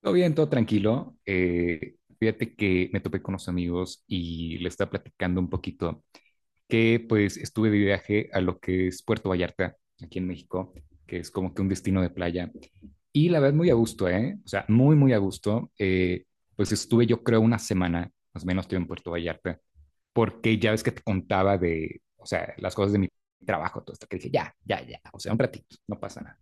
Todo bien, todo tranquilo. Fíjate que me topé con unos amigos y les estaba platicando un poquito que pues estuve de viaje a lo que es Puerto Vallarta, aquí en México, que es como que un destino de playa. Y la verdad, muy a gusto, ¿eh? O sea, muy, muy a gusto. Pues estuve yo creo una semana, más o menos, estuve en Puerto Vallarta, porque ya ves que te contaba de, o sea, las cosas de mi trabajo, todo esto, que dije, ya, ya, ya, o sea, un ratito, no pasa nada.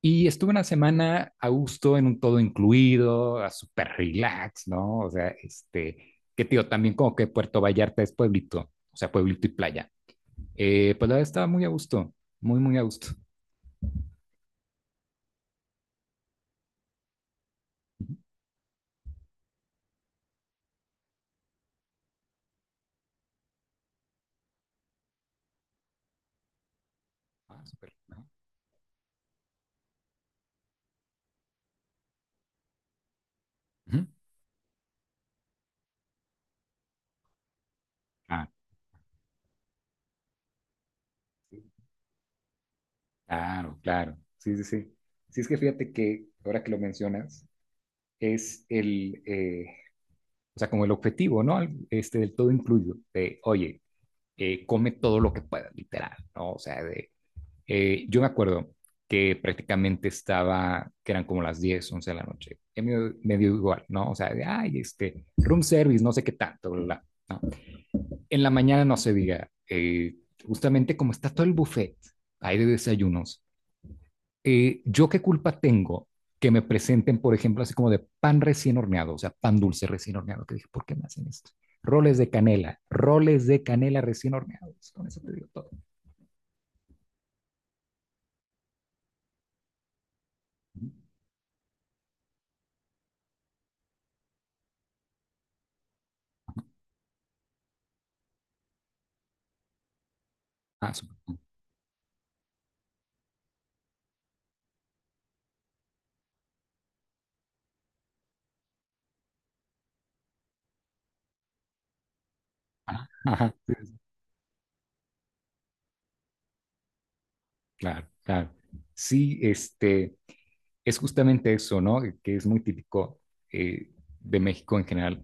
Y estuve una semana a gusto en un todo incluido, a súper relax, ¿no? O sea, este, que tío, también como que Puerto Vallarta es pueblito, o sea, pueblito y playa. Pues la verdad estaba muy a gusto, muy, muy a gusto. Ah, súper, ¿no? Ujú. Ah, sí, claro, claro. Sí, sí, sí. Sí, es que fíjate que ahora que lo mencionas, es, o sea, como el objetivo, ¿no? Este, del todo incluido, de, oye, come todo lo que puedas, literal, ¿no? O sea, de yo me acuerdo que prácticamente estaba, que eran como las 10 11 de la noche. Y me dio igual, ¿no? O sea, de, ay, este, room service, no sé qué tanto, bla, bla, ¿no? En la mañana no se diga, justamente como está todo el buffet, hay de desayunos, ¿yo qué culpa tengo que me presenten, por ejemplo, así como de pan recién horneado, o sea, pan dulce recién horneado? Que dije, ¿por qué me hacen esto? Roles de canela recién horneados, con eso te digo todo. Ah, súper. Ajá. Claro, claro. Sí, este, es justamente eso, ¿no? Que es muy típico eh, de México en general,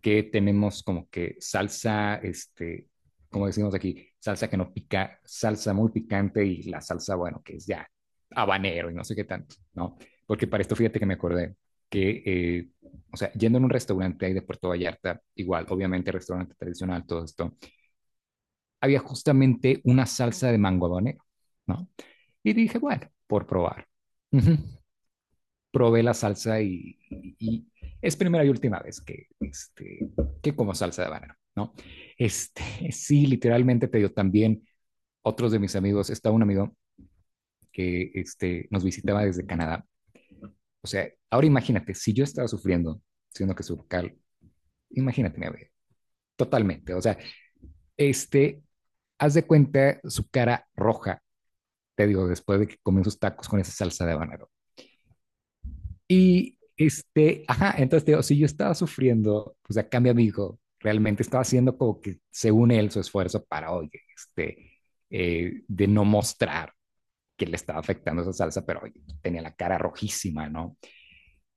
que tenemos como que salsa, este, como decimos aquí, salsa que no pica, salsa muy picante y la salsa, bueno, que es ya habanero y no sé qué tanto, ¿no? Porque para esto fíjate que me acordé que, o sea, yendo en un restaurante ahí de Puerto Vallarta, igual, obviamente restaurante tradicional, todo esto, había justamente una salsa de mango habanero, ¿no? Y dije, bueno, por probar. Ujú. Probé la salsa y es primera y última vez que, este, que como salsa de banano, ¿no? Este, sí, literalmente te digo también otros de mis amigos, está un amigo que este, nos visitaba desde Canadá. O sea, ahora imagínate, si yo estaba sufriendo, siendo que su vocal, imagínate mi vida, totalmente. O sea, este, haz de cuenta su cara roja, te digo, después de que comió sus tacos con esa salsa de banano. Y este, ajá, entonces te digo, si yo estaba sufriendo, pues acá mi amigo realmente estaba haciendo como que, según él, su esfuerzo para, oye, este, de no mostrar que le estaba afectando esa salsa, pero oye, tenía la cara rojísima, ¿no?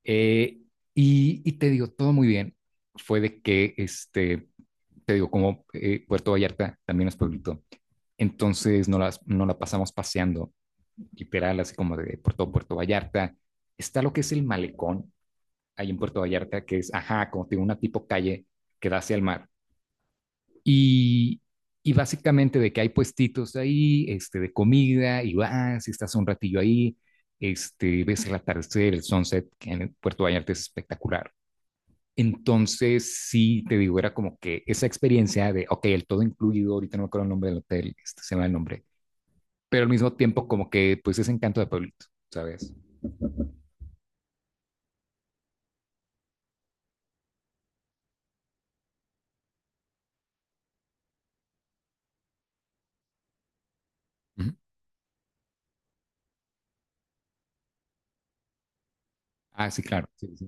Eh, y, te digo, todo muy bien. Fue de que, este, te digo, como Puerto Vallarta también es pueblito, entonces no la pasamos paseando, literal, así como de por todo Puerto Vallarta. Está lo que es el malecón, ahí en Puerto Vallarta, que es, ajá, como tiene una tipo calle que da hacia el mar. Y, y básicamente de que hay puestitos ahí, este, de comida, y vas, y estás un ratillo ahí, este, ves el atardecer, el sunset, que en Puerto Vallarta es espectacular. Entonces, sí, te digo, era como que esa experiencia de, ok, el todo incluido, ahorita no me acuerdo el nombre del hotel, este, se me va el nombre, pero al mismo tiempo como que, pues, ese encanto de pueblito, ¿sabes? Uh -huh. Ah, sí, claro, sí, sí.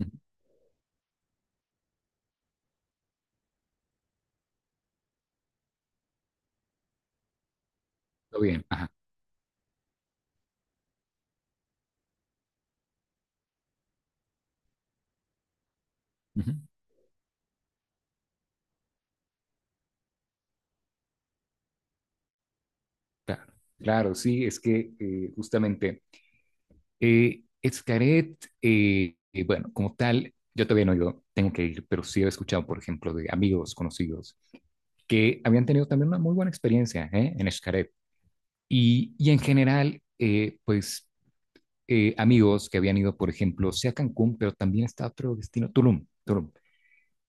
Uh -huh. Todo bien, ajá. Uh -huh. Claro, claro, sí, es que justamente Xcaret, bueno, como tal, yo todavía no he ido, tengo que ir, pero sí he escuchado, por ejemplo, de amigos conocidos que habían tenido también una muy buena experiencia, ¿eh?, en Xcaret. Y en general, pues amigos que habían ido, por ejemplo, sí a Cancún, pero también está otro destino, Tulum, Tulum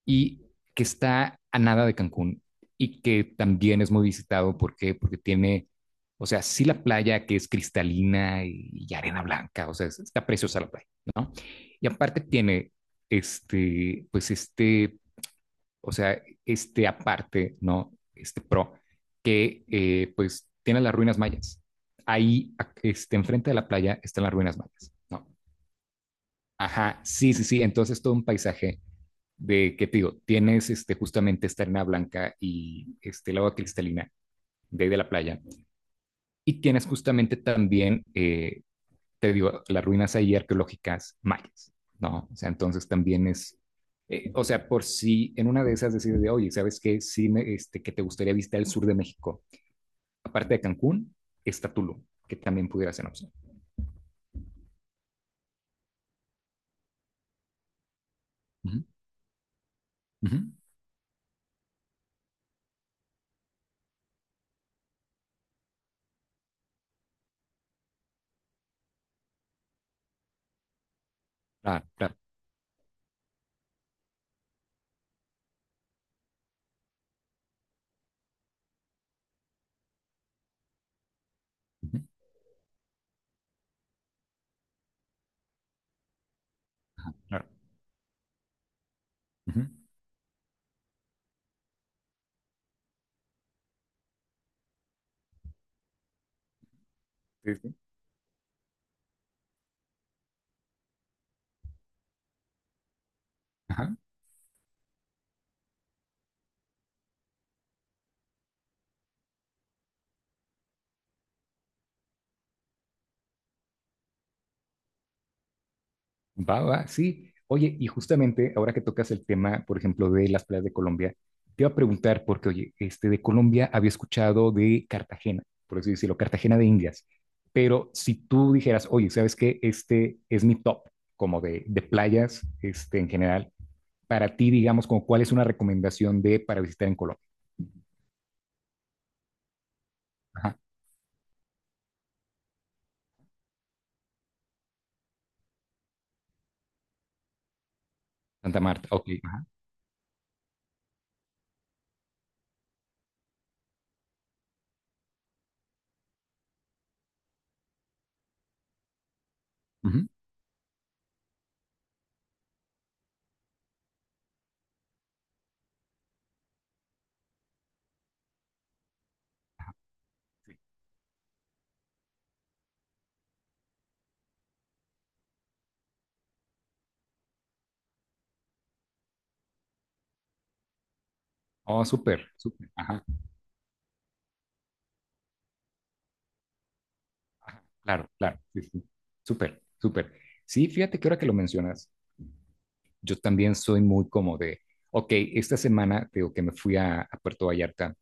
y que está a nada de Cancún y que también es muy visitado porque, tiene, o sea, sí la playa que es cristalina y arena blanca, o sea, está preciosa la playa, ¿no? Y aparte tiene este, pues este, o sea, este aparte, ¿no? Que pues tiene las ruinas mayas. Ahí, este, enfrente de la playa están las ruinas mayas, ¿no? Ajá, sí, sí, sí, entonces todo un paisaje de que te digo, tienes este, justamente esta arena blanca y este, el agua cristalina de ahí de la playa, y tienes justamente también, te digo, las ruinas ahí arqueológicas mayas, ¿no? O sea, entonces también es, o sea, por si en una de esas decides de, oye, ¿sabes qué? Sí, este, que te gustaría visitar el sur de México. Aparte de Cancún, está Tulum, que también pudiera ser una opción. Uh -huh, uh -huh. Claro, claro. Uh -huh, claro. Uh-huh. Sí, sí. Ajá. Va, va, sí. Oye, y justamente ahora que tocas el tema, por ejemplo, de las playas de Colombia, te iba a preguntar, porque, oye, este, de Colombia había escuchado de Cartagena, por así decirlo, Cartagena de Indias, pero si tú dijeras, oye, ¿sabes qué? Este es mi top, como de playas, este, en general, para ti, digamos, como cuál es una recomendación de para visitar en Colombia. Ajá, Santa Marta, ok, ajá, ujú. Oh, súper, súper, ajá, claro, claro, sí, sí, súper, súper. Sí, fíjate que ahora que lo mencionas, yo también soy muy como de, ok, esta semana, digo que me fui a Puerto Vallarta,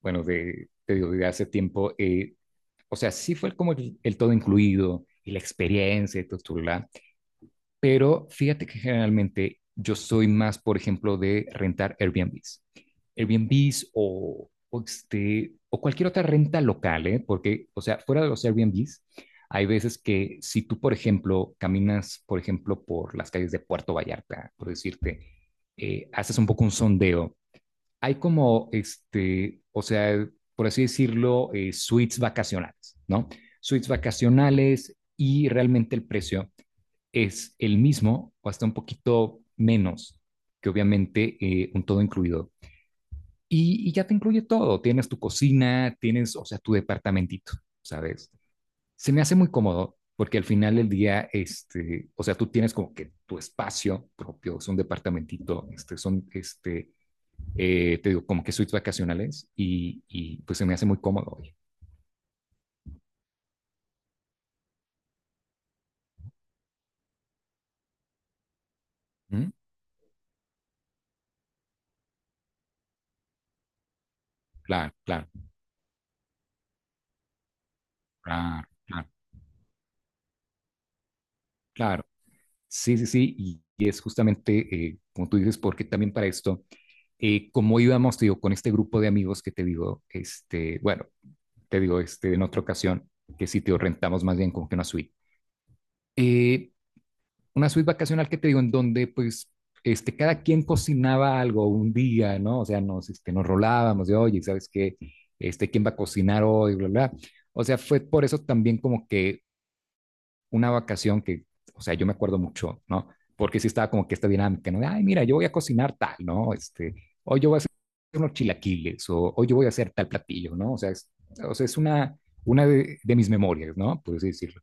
bueno, te digo, de hace tiempo, o sea, sí fue como el todo incluido y la experiencia y todo, pero fíjate que generalmente yo soy más, por ejemplo, de rentar Airbnbs. Airbnbs o, este, o cualquier otra renta local, ¿eh? Porque, o sea, fuera de los Airbnbs, hay veces que si tú, por ejemplo, caminas, por ejemplo, por las calles de Puerto Vallarta, por decirte, haces un poco un sondeo, hay como, este, o sea, por así decirlo, suites vacacionales, ¿no? Suites vacacionales y realmente el precio es el mismo o hasta un poquito menos que obviamente un todo incluido. Y ya te incluye todo, tienes tu cocina, tienes, o sea, tu departamentito, ¿sabes? Se me hace muy cómodo porque al final del día, este, o sea, tú tienes como que tu espacio propio, es un departamentito, este, este, te digo, como que suites vacacionales y pues se me hace muy cómodo. Oye. ¿Mm? Claro, claro, claro, claro, claro. Sí, sí, sí, y es justamente, como tú dices, porque también para esto, como íbamos, te digo, con este grupo de amigos que te digo, este, bueno, te digo, este, en otra ocasión, que sí, te digo, rentamos más bien como que una suite. Eh, una suite vacacional que te digo, en donde, pues, este, cada quien cocinaba algo un día, ¿no? O sea, este, nos rolábamos de, oye, ¿sabes qué? Este, ¿quién va a cocinar hoy? Bla, bla. O sea, fue por eso también como que una vacación que, o sea, yo me acuerdo mucho, ¿no? Porque sí estaba como que esta dinámica, ¿no? De, ay, mira, yo voy a cocinar tal, ¿no? Este, hoy yo voy a hacer unos chilaquiles, o hoy yo voy a hacer tal platillo, ¿no? O sea, es una de mis memorias, ¿no? Por así decirlo.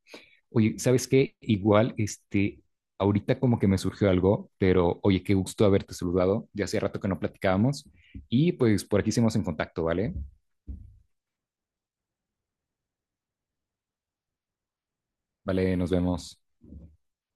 Oye, ¿sabes qué? Igual, este, ahorita como que me surgió algo, pero oye, qué gusto haberte saludado. Ya hacía rato que no platicábamos y pues por aquí seguimos en contacto, ¿vale? Vale, nos vemos.